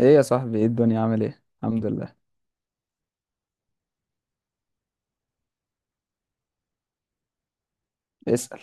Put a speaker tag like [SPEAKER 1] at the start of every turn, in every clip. [SPEAKER 1] ايه يا صاحبي، ايه الدنيا، عامل ايه؟ الحمد لله. اسأل.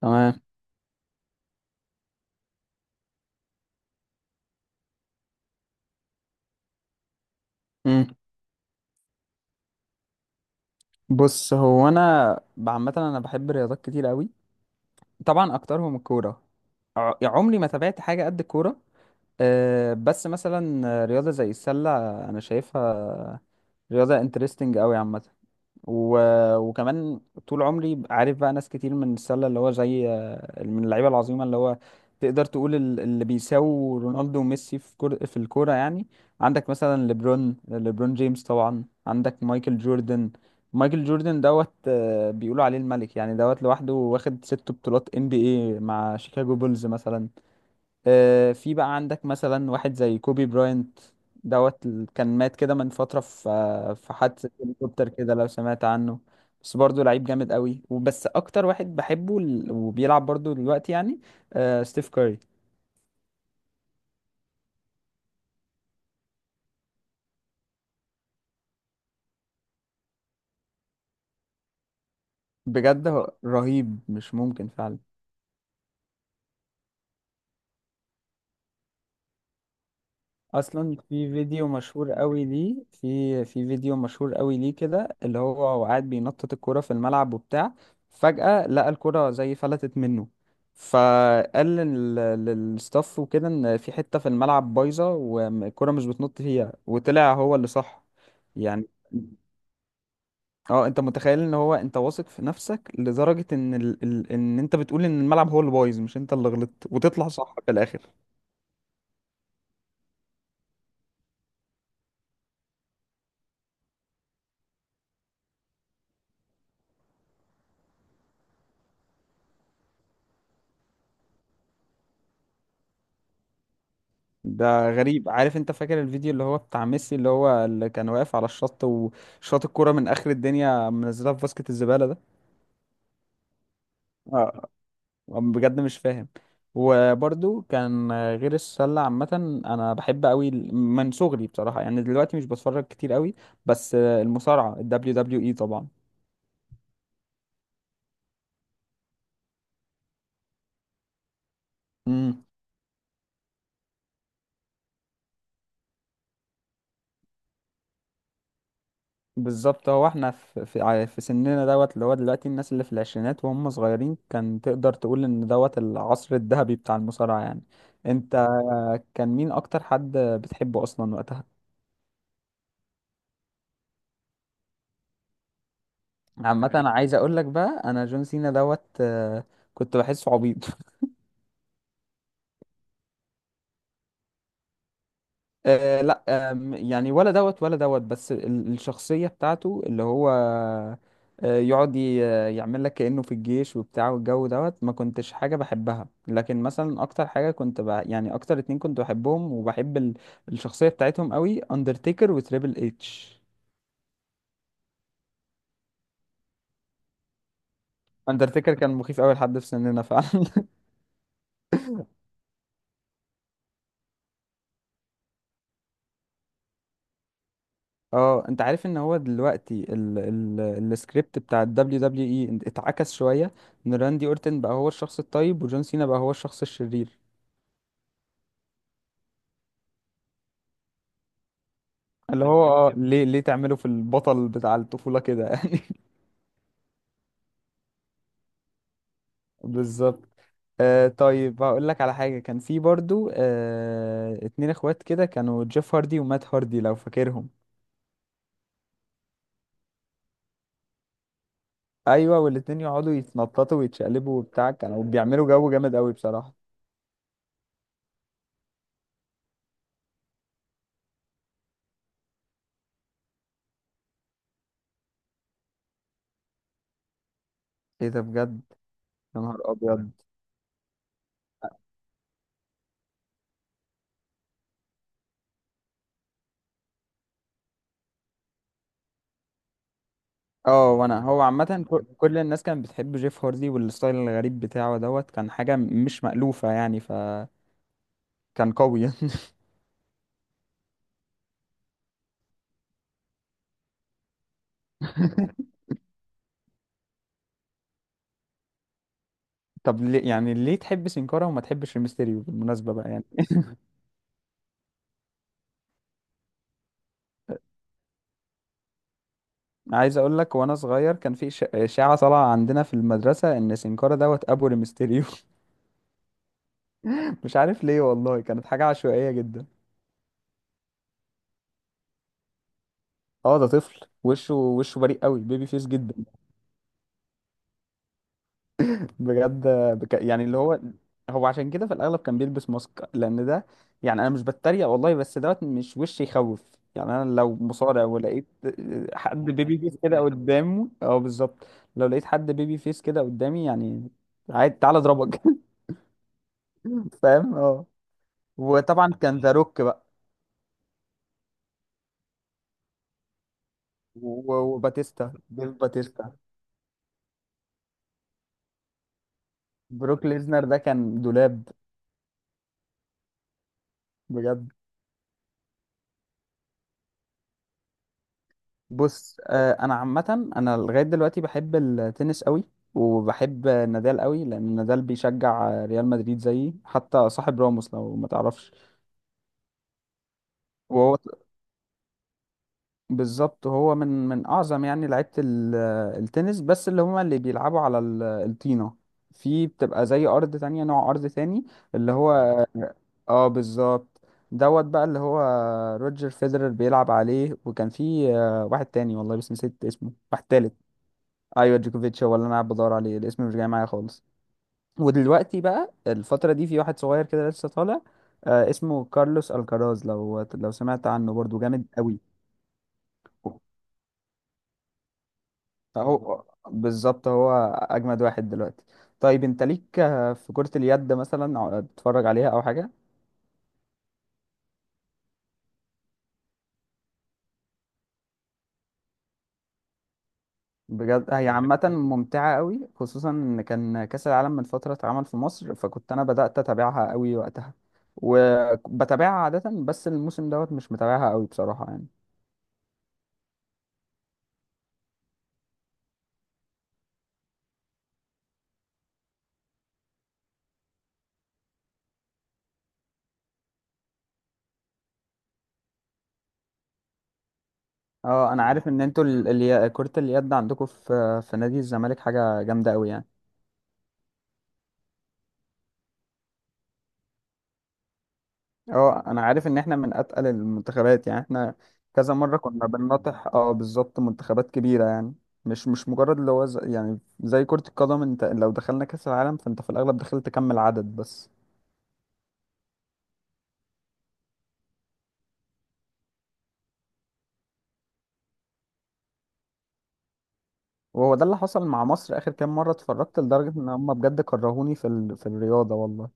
[SPEAKER 1] تمام. مم. بص. هو انا عامه انا بحب الرياضات كتير قوي. طبعا اكترهم الكوره. عمري ما تابعت حاجه قد الكوره. بس مثلا رياضه زي السله، انا شايفها رياضه انترستنج قوي عامه. و... وكمان طول عمري عارف بقى ناس كتير من السله، اللي هو زي، من اللعيبه العظيمه، اللي هو تقدر تقول اللي بيساووا رونالدو وميسي في في الكوره يعني. عندك مثلا ليبرون جيمس، طبعا عندك مايكل جوردن. مايكل جوردن دوت آه، بيقولوا عليه الملك يعني، لوحده واخد 6 بطولات ان بي اي مع شيكاغو بولز مثلا. في بقى عندك مثلا واحد زي كوبي براينت، كان مات كده من فترة في حادثة هليكوبتر كده لو سمعت عنه. بس برضه لعيب جامد قوي، وبس اكتر واحد بحبه وبيلعب برضه دلوقتي يعني، ستيف كاري. بجد هو رهيب، مش ممكن فعلا. اصلا في فيديو مشهور قوي ليه، كده، اللي هو قاعد بينطط الكرة في الملعب وبتاع. فجأة لقى الكرة زي فلتت منه، فقال للستاف وكده ان في حتة في الملعب بايظة والكرة مش بتنط فيها، وطلع هو اللي صح يعني. اه انت متخيل ان هو، انت واثق في نفسك لدرجة ان ان انت بتقول ان الملعب هو اللي بايظ، مش انت اللي غلطت، وتطلع صح في الاخر. ده غريب. عارف، انت فاكر الفيديو اللي هو بتاع ميسي اللي هو اللي كان واقف على الشط وشاط الكرة من اخر الدنيا منزلها في باسكت الزبالة ده؟ آه. بجد مش فاهم. وبرضو كان، غير السلة عامة، أنا بحب أوي من صغري بصراحة، يعني دلوقتي مش بتفرج كتير أوي، بس المصارعة ال WWE طبعا. امم بالظبط، هو احنا في سننا، اللي هو دلوقتي الناس اللي في العشرينات وهم صغيرين، كان تقدر تقول إن العصر الذهبي بتاع المصارعة يعني. انت كان مين اكتر حد بتحبه اصلا وقتها؟ عامه يعني انا عايز اقول لك بقى، انا جون سينا دوت آه، كنت بحسه عبيط. لا، يعني ولا ولا بس الشخصيه بتاعته اللي هو يقعد يعمل لك كانه في الجيش وبتاع، والجو ما كنتش حاجه بحبها، لكن مثلا اكتر حاجه كنت بقى، يعني اكتر اتنين كنت بحبهم وبحب الشخصيه بتاعتهم قوي، اندرتيكر وتريبل اتش. اندرتيكر كان مخيف قوي لحد في سننا فعلا. اه انت عارف ان هو دلوقتي ال السكريبت بتاع ال WWE اتعكس شوية، ان راندي اورتن بقى هو الشخص الطيب، وجون سينا بقى هو الشخص الشرير. اللي هو، اه ليه ليه تعمله في البطل بتاع الطفولة كده يعني؟ بالظبط. آه طيب، هقول لك على حاجة، كان في برضو 2 اخوات كده، كانوا جيف هاردي ومات هاردي لو فاكرهم. ايوه، والاتنين يقعدوا يتنططوا ويتشقلبوا وبتاع، كانوا بيعملوا جو جامد قوي بصراحة. ايه ده بجد، يا نهار ابيض. اه، وانا هو عامة كل الناس كانت بتحب جيف هاردي، والستايل الغريب بتاعه كان حاجة مش مألوفة يعني، فكان قوي. طب ليه يعني، ليه تحب سينكارا وما تحبش الميستيريو بالمناسبة بقى يعني؟ عايز اقول لك، وانا صغير كان في إشاعة طالعة عندنا في المدرسة، ان سينكارا ابو الميستيريو. مش عارف ليه والله، كانت حاجة عشوائية جدا. اه ده طفل، وشه بريء قوي، بيبي فيس جدا. بجد يعني اللي هو، هو عشان كده في الاغلب كان بيلبس ماسك، لان ده يعني، انا مش بتريق والله، بس مش وش يخوف يعني. انا لو مصارع ولقيت حد بيبي فيس كده قدامه، اه بالظبط، لو لقيت حد بيبي فيس كده قدامي يعني، عادي تعالى اضربك. فاهم اه. وطبعا كان ذا روك بقى، وباتيستا، بيف باتيستا، بروك ليزنر ده كان دولاب. بجد. بص، انا عامه، انا لغايه دلوقتي بحب التنس قوي، وبحب نادال قوي، لان نادال بيشجع ريال مدريد زيي، حتى صاحب راموس لو ما تعرفش. وهو بالظبط، هو من اعظم يعني لعيبه التنس، بس اللي هما اللي بيلعبوا على الطينه، في بتبقى زي ارض تانية، نوع ارض تاني اللي هو. مم. اه بالظبط. بقى اللي هو روجر فيدرر بيلعب عليه، وكان في واحد تاني والله بس نسيت اسمه، واحد تالت. ايوه، جوكوفيتش، هو اللي انا قاعد بدور عليه، الاسم مش جاي معايا خالص. ودلوقتي بقى الفترة دي، في واحد صغير كده لسه طالع، اسمه كارلوس الكراز، لو سمعت عنه، برضو جامد قوي. هو بالظبط، هو اجمد واحد دلوقتي. طيب انت ليك في كرة اليد مثلا، أو بتتفرج عليها او حاجة؟ بجد هي عامة ممتعة قوي، خصوصا ان كان كأس العالم من فترة اتعمل في مصر، فكنت انا بدأت اتابعها قوي وقتها، وبتابعها عادة، بس الموسم مش متابعها قوي بصراحة يعني. اه انا عارف ان انتوا كرة اليد عندكم في نادي الزمالك حاجة جامدة قوي يعني. اه انا عارف ان احنا من اتقل المنتخبات يعني، احنا كذا مرة كنا بنناطح، اه بالظبط، منتخبات كبيرة يعني. مش مجرد اللي هو يعني زي كرة القدم، انت لو دخلنا كأس العالم، فانت في الاغلب دخلت كم العدد بس. وهو ده اللي حصل مع مصر اخر كام مرة اتفرجت، لدرجة ان هم بجد كرهوني في في الرياضة والله.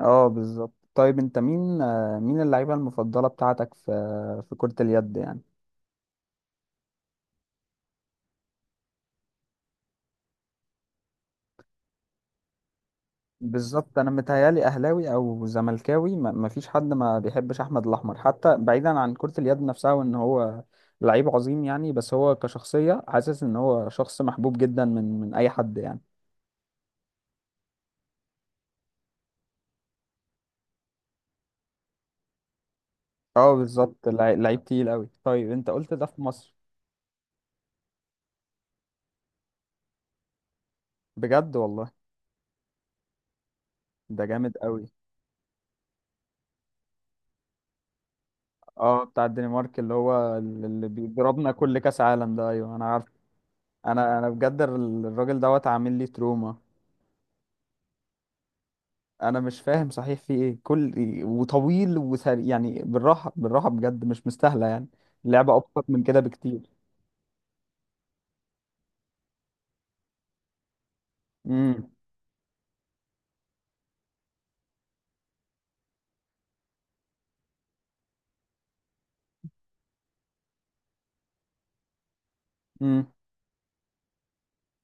[SPEAKER 1] اه بالظبط. طيب انت مين، مين اللعيبة المفضلة بتاعتك في في كرة اليد يعني؟ بالظبط، انا متهيالي اهلاوي او زملكاوي، ما فيش حد ما بيحبش احمد الاحمر، حتى بعيدا عن كرة اليد نفسها، وان هو لعيب عظيم يعني، بس هو كشخصية حاسس ان هو شخص محبوب جدا من اي حد يعني. اه بالظبط، لعيب تقيل قوي. طيب انت قلت ده في مصر. بجد والله. ده جامد قوي. اه بتاع الدنمارك، اللي هو اللي بيضربنا كل كاس عالم ده، ايوه انا عارف. انا بجد الراجل عامل لي تروما. انا مش فاهم صحيح، في ايه كل، وطويل وسريع يعني، بالراحه بالراحه بجد، مش مستاهله يعني. اللعبه ابسط من كده بكتير. امم. امم.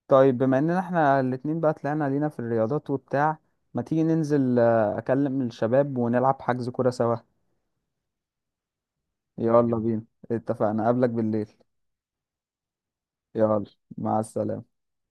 [SPEAKER 1] طيب بما اننا احنا الاتنين بقى طلعنا لينا في الرياضات وبتاع، ما تيجي ننزل، اكلم الشباب، ونلعب حجز كوره سوا؟ يلا بينا، اتفقنا، اقابلك بالليل. يلا، مع السلامه.